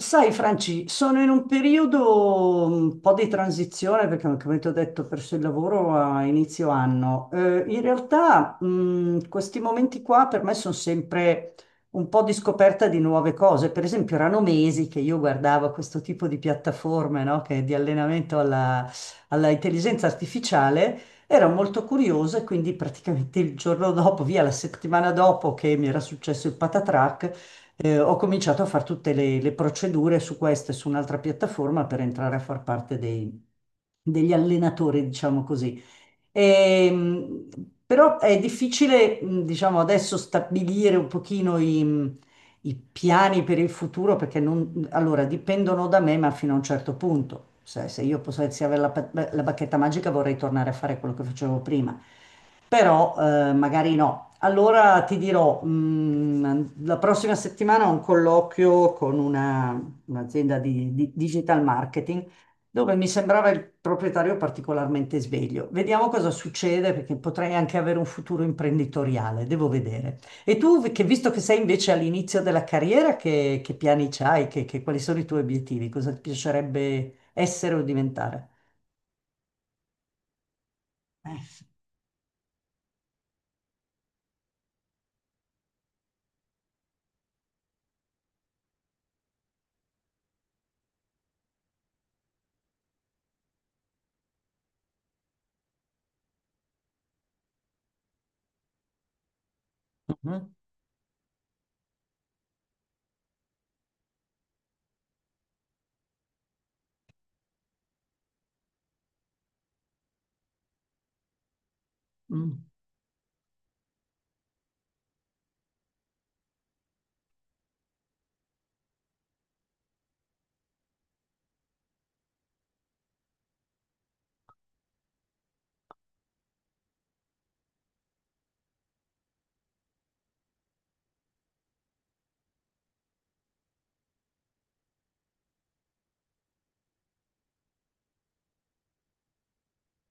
Sai, Franci, sono in un periodo un po' di transizione perché, come ti ho detto, ho perso il lavoro a inizio anno. In realtà, questi momenti qua per me sono sempre un po' di scoperta di nuove cose. Per esempio, erano mesi che io guardavo questo tipo di piattaforme, no, di allenamento alla intelligenza artificiale. Ero molto curiosa e quindi praticamente il giorno dopo, via la settimana dopo che mi era successo il patatrac, ho cominciato a fare tutte le procedure su questa e su un'altra piattaforma per entrare a far parte degli allenatori, diciamo così. Ehm, però è difficile, diciamo, adesso stabilire un pochino i piani per il futuro perché non, allora, dipendono da me, ma fino a un certo punto. Se io potessi avere la bacchetta magica vorrei tornare a fare quello che facevo prima, però magari no. Allora ti dirò, la prossima settimana ho un colloquio con un'azienda di digital marketing dove mi sembrava il proprietario particolarmente sveglio. Vediamo cosa succede perché potrei anche avere un futuro imprenditoriale, devo vedere. E tu, vi- che visto che sei invece all'inizio della carriera, che piani c'hai? Quali sono i tuoi obiettivi? Cosa ti piacerebbe essere o diventare? Sì. Mhm, mm.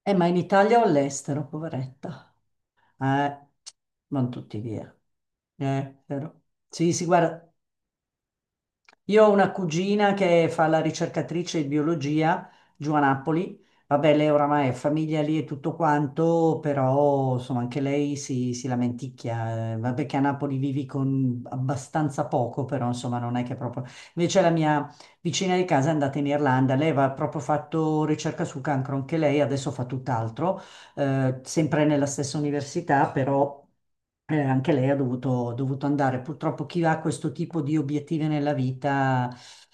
Ma in Italia o all'estero, poveretta? Eh, non tutti via. Vero. Sì, sì, guarda. Io ho una cugina che fa la ricercatrice di biologia giù a Napoli. Vabbè, lei oramai è famiglia lì e tutto quanto, però insomma anche lei si lamenticchia. Vabbè che a Napoli vivi con abbastanza poco, però insomma non è che proprio... Invece la mia vicina di casa è andata in Irlanda, lei aveva proprio fatto ricerca sul cancro, anche lei adesso fa tutt'altro, sempre nella stessa università, però anche lei ha dovuto andare. Purtroppo chi ha questo tipo di obiettivi nella vita,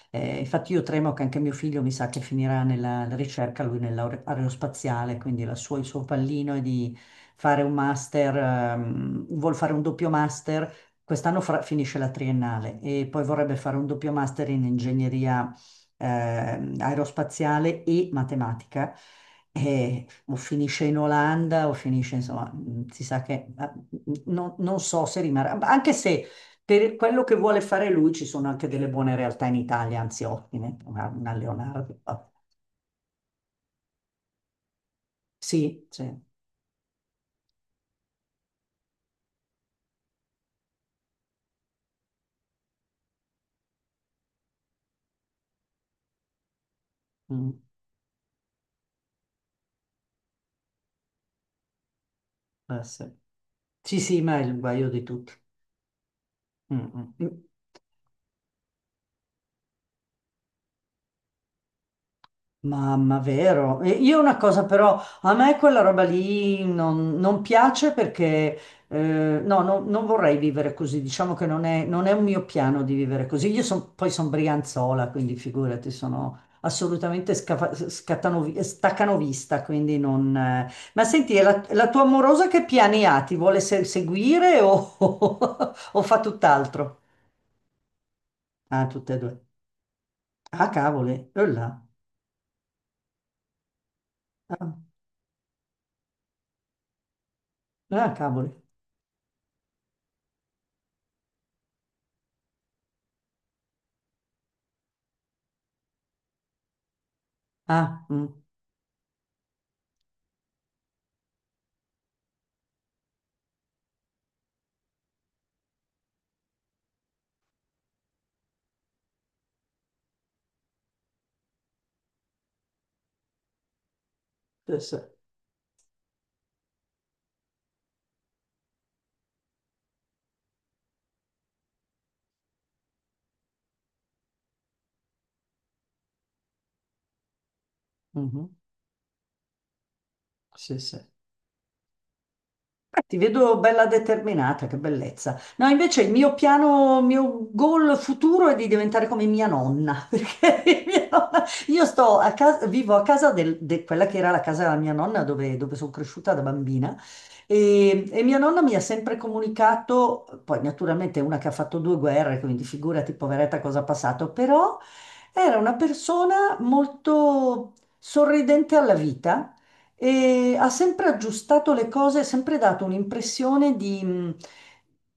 infatti io tremo che anche mio figlio mi sa che finirà nella ricerca, lui nell'aerospaziale, quindi il suo pallino è di fare un master, vuol fare un doppio master, quest'anno finisce la triennale e poi vorrebbe fare un doppio master in ingegneria aerospaziale e matematica. E o finisce in Olanda o finisce, insomma, si sa che ah, non so se rimarrà, ma anche se per quello che vuole fare lui ci sono anche delle buone realtà in Italia, anzi ottime, una Leonardo. Vabbè. Sì, sì, mm, può essere. Sì, sì, ma è il guaio di tutti. Mm, mm, mm. Mamma, vero. E io una cosa però, a me quella roba lì non piace perché no, non vorrei vivere così, diciamo che non è un mio piano di vivere così. Poi sono brianzola, quindi figurati, sono assolutamente staccanovista, quindi non.... Ma senti, e la tua amorosa che piani ha? Ti vuole seguire o, o fa tutt'altro? Ah, tutte e due. Ah, cavoli. Là. Ah, ah, cavoli. Ah, mm. Sì, sì. Mhm. Sì, sì. Beh, ti vedo bella determinata, che bellezza. No, invece il mio piano, il mio goal futuro è di diventare come mia nonna, perché io sto a casa, vivo a casa de quella che era la casa della mia nonna dove sono cresciuta da bambina e mia nonna mi ha sempre comunicato, poi naturalmente è una che ha fatto due guerre, quindi figurati poveretta cosa ha passato, però era una persona molto sorridente alla vita e ha sempre aggiustato le cose, ha sempre dato un'impressione di,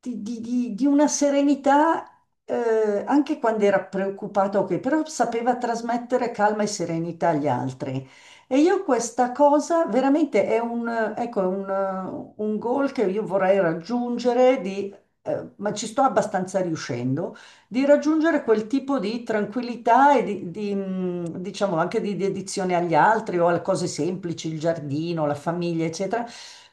di una serenità, anche quando era preoccupato, ok, però sapeva trasmettere calma e serenità agli altri. E io questa cosa veramente è un, ecco, è un goal che io vorrei raggiungere, di, ma ci sto abbastanza riuscendo di raggiungere quel tipo di tranquillità e diciamo anche di dedizione agli altri o alle cose semplici, il giardino, la famiglia, eccetera.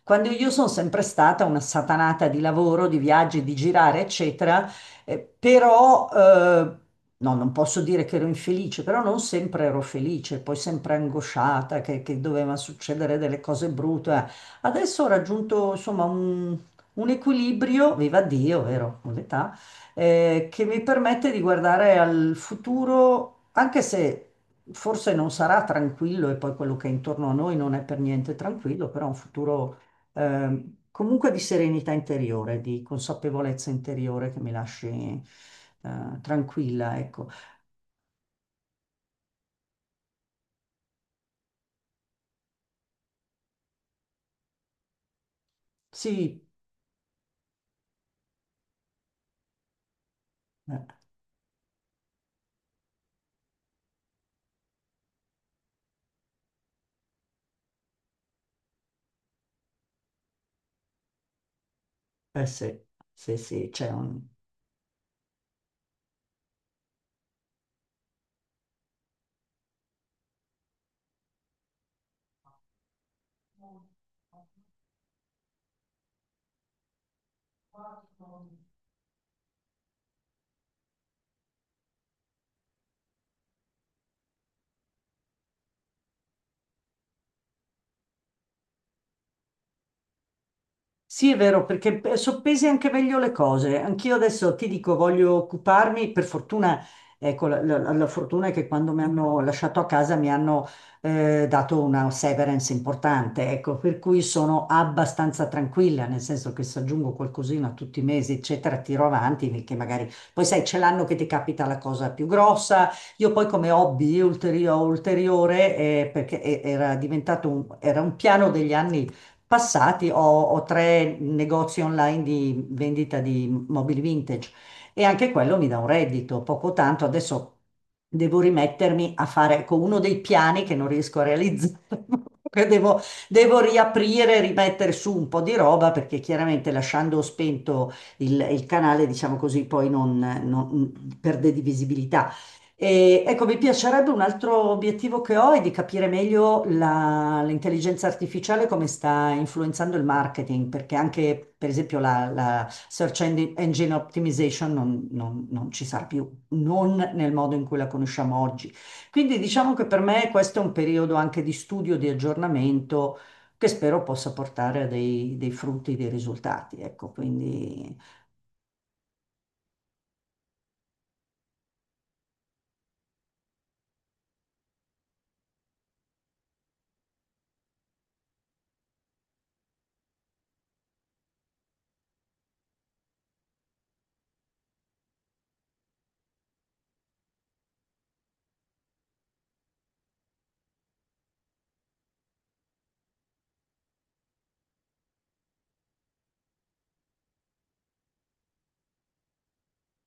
Quando io sono sempre stata una satanata di lavoro, di viaggi, di girare, eccetera, però no, non posso dire che ero infelice, però non sempre ero felice, poi sempre angosciata che doveva succedere delle cose brutte. Eh. Adesso ho raggiunto insomma un equilibrio, viva Dio, vero? Con l'età che mi permette di guardare al futuro, anche se forse non sarà tranquillo e poi quello che è intorno a noi non è per niente tranquillo, però un futuro comunque di serenità interiore, di consapevolezza interiore che mi lasci tranquilla, ecco. Sì, eh, eh sì, sì, sì, c'è un... Sì, è vero, perché soppesi anche meglio le cose. Anch'io adesso ti dico, voglio occuparmi, per fortuna, ecco, la fortuna è che quando mi hanno lasciato a casa mi hanno dato una severance importante, ecco, per cui sono abbastanza tranquilla, nel senso che se aggiungo qualcosina tutti i mesi, eccetera, tiro avanti, perché magari poi sai, c'è l'anno che ti capita la cosa più grossa. Io poi come hobby ulteriore, perché era diventato un, era un piano degli anni passati ho tre negozi online di vendita di mobili vintage e anche quello mi dà un reddito, poco tanto. Adesso devo rimettermi a fare, ecco, uno dei piani che non riesco a realizzare. Che devo, devo riaprire, rimettere su un po' di roba perché chiaramente lasciando spento il canale, diciamo così, poi perde di visibilità. E, ecco, mi piacerebbe un altro obiettivo che ho è di capire meglio l'intelligenza artificiale come sta influenzando il marketing, perché anche, per esempio, la search engine optimization non ci sarà più, non nel modo in cui la conosciamo oggi. Quindi diciamo che per me questo è un periodo anche di studio, di aggiornamento, che spero possa portare a dei frutti, dei risultati. Ecco, quindi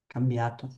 cambiato.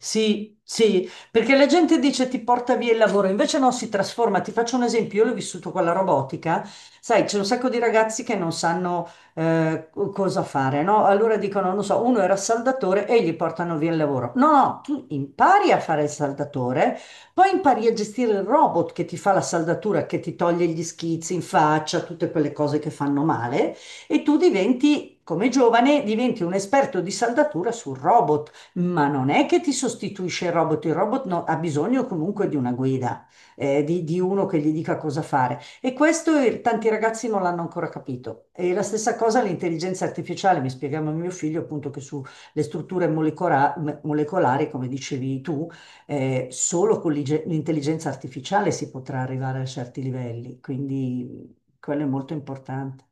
Sì, sì, perché la gente dice ti porta via il lavoro, invece no, si trasforma. Ti faccio un esempio, io l'ho vissuto con la robotica, sai, c'è un sacco di ragazzi che non sanno cosa fare, no? Allora dicono, non so, uno era saldatore e gli portano via il lavoro. No, no, tu impari a fare il saldatore, poi impari a gestire il robot che ti fa la saldatura, che ti toglie gli schizzi in faccia, tutte quelle cose che fanno male, e tu diventi, come giovane, diventi un esperto di saldatura sul robot ma non è che ti sostituisce il robot ha bisogno comunque di una guida, di uno che gli dica cosa fare. E questo tanti ragazzi non l'hanno ancora capito. E la stessa cosa l'intelligenza artificiale, mi spiegava mio figlio appunto che sulle strutture molecolari, come dicevi tu, solo con l'intelligenza artificiale si potrà arrivare a certi livelli, quindi quello è molto importante.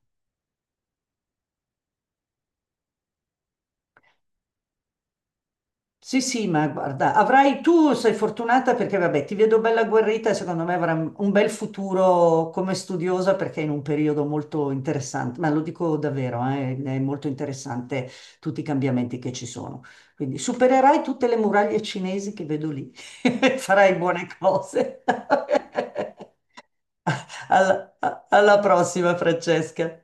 Sì, sì, ma guarda, avrai tu sei fortunata perché vabbè, ti vedo bella agguerrita e secondo me avrai un bel futuro come studiosa perché è in un periodo molto interessante, ma lo dico davvero, è molto interessante tutti i cambiamenti che ci sono. Quindi supererai tutte le muraglie cinesi che vedo lì, farai buone cose. alla Alla prossima, Francesca.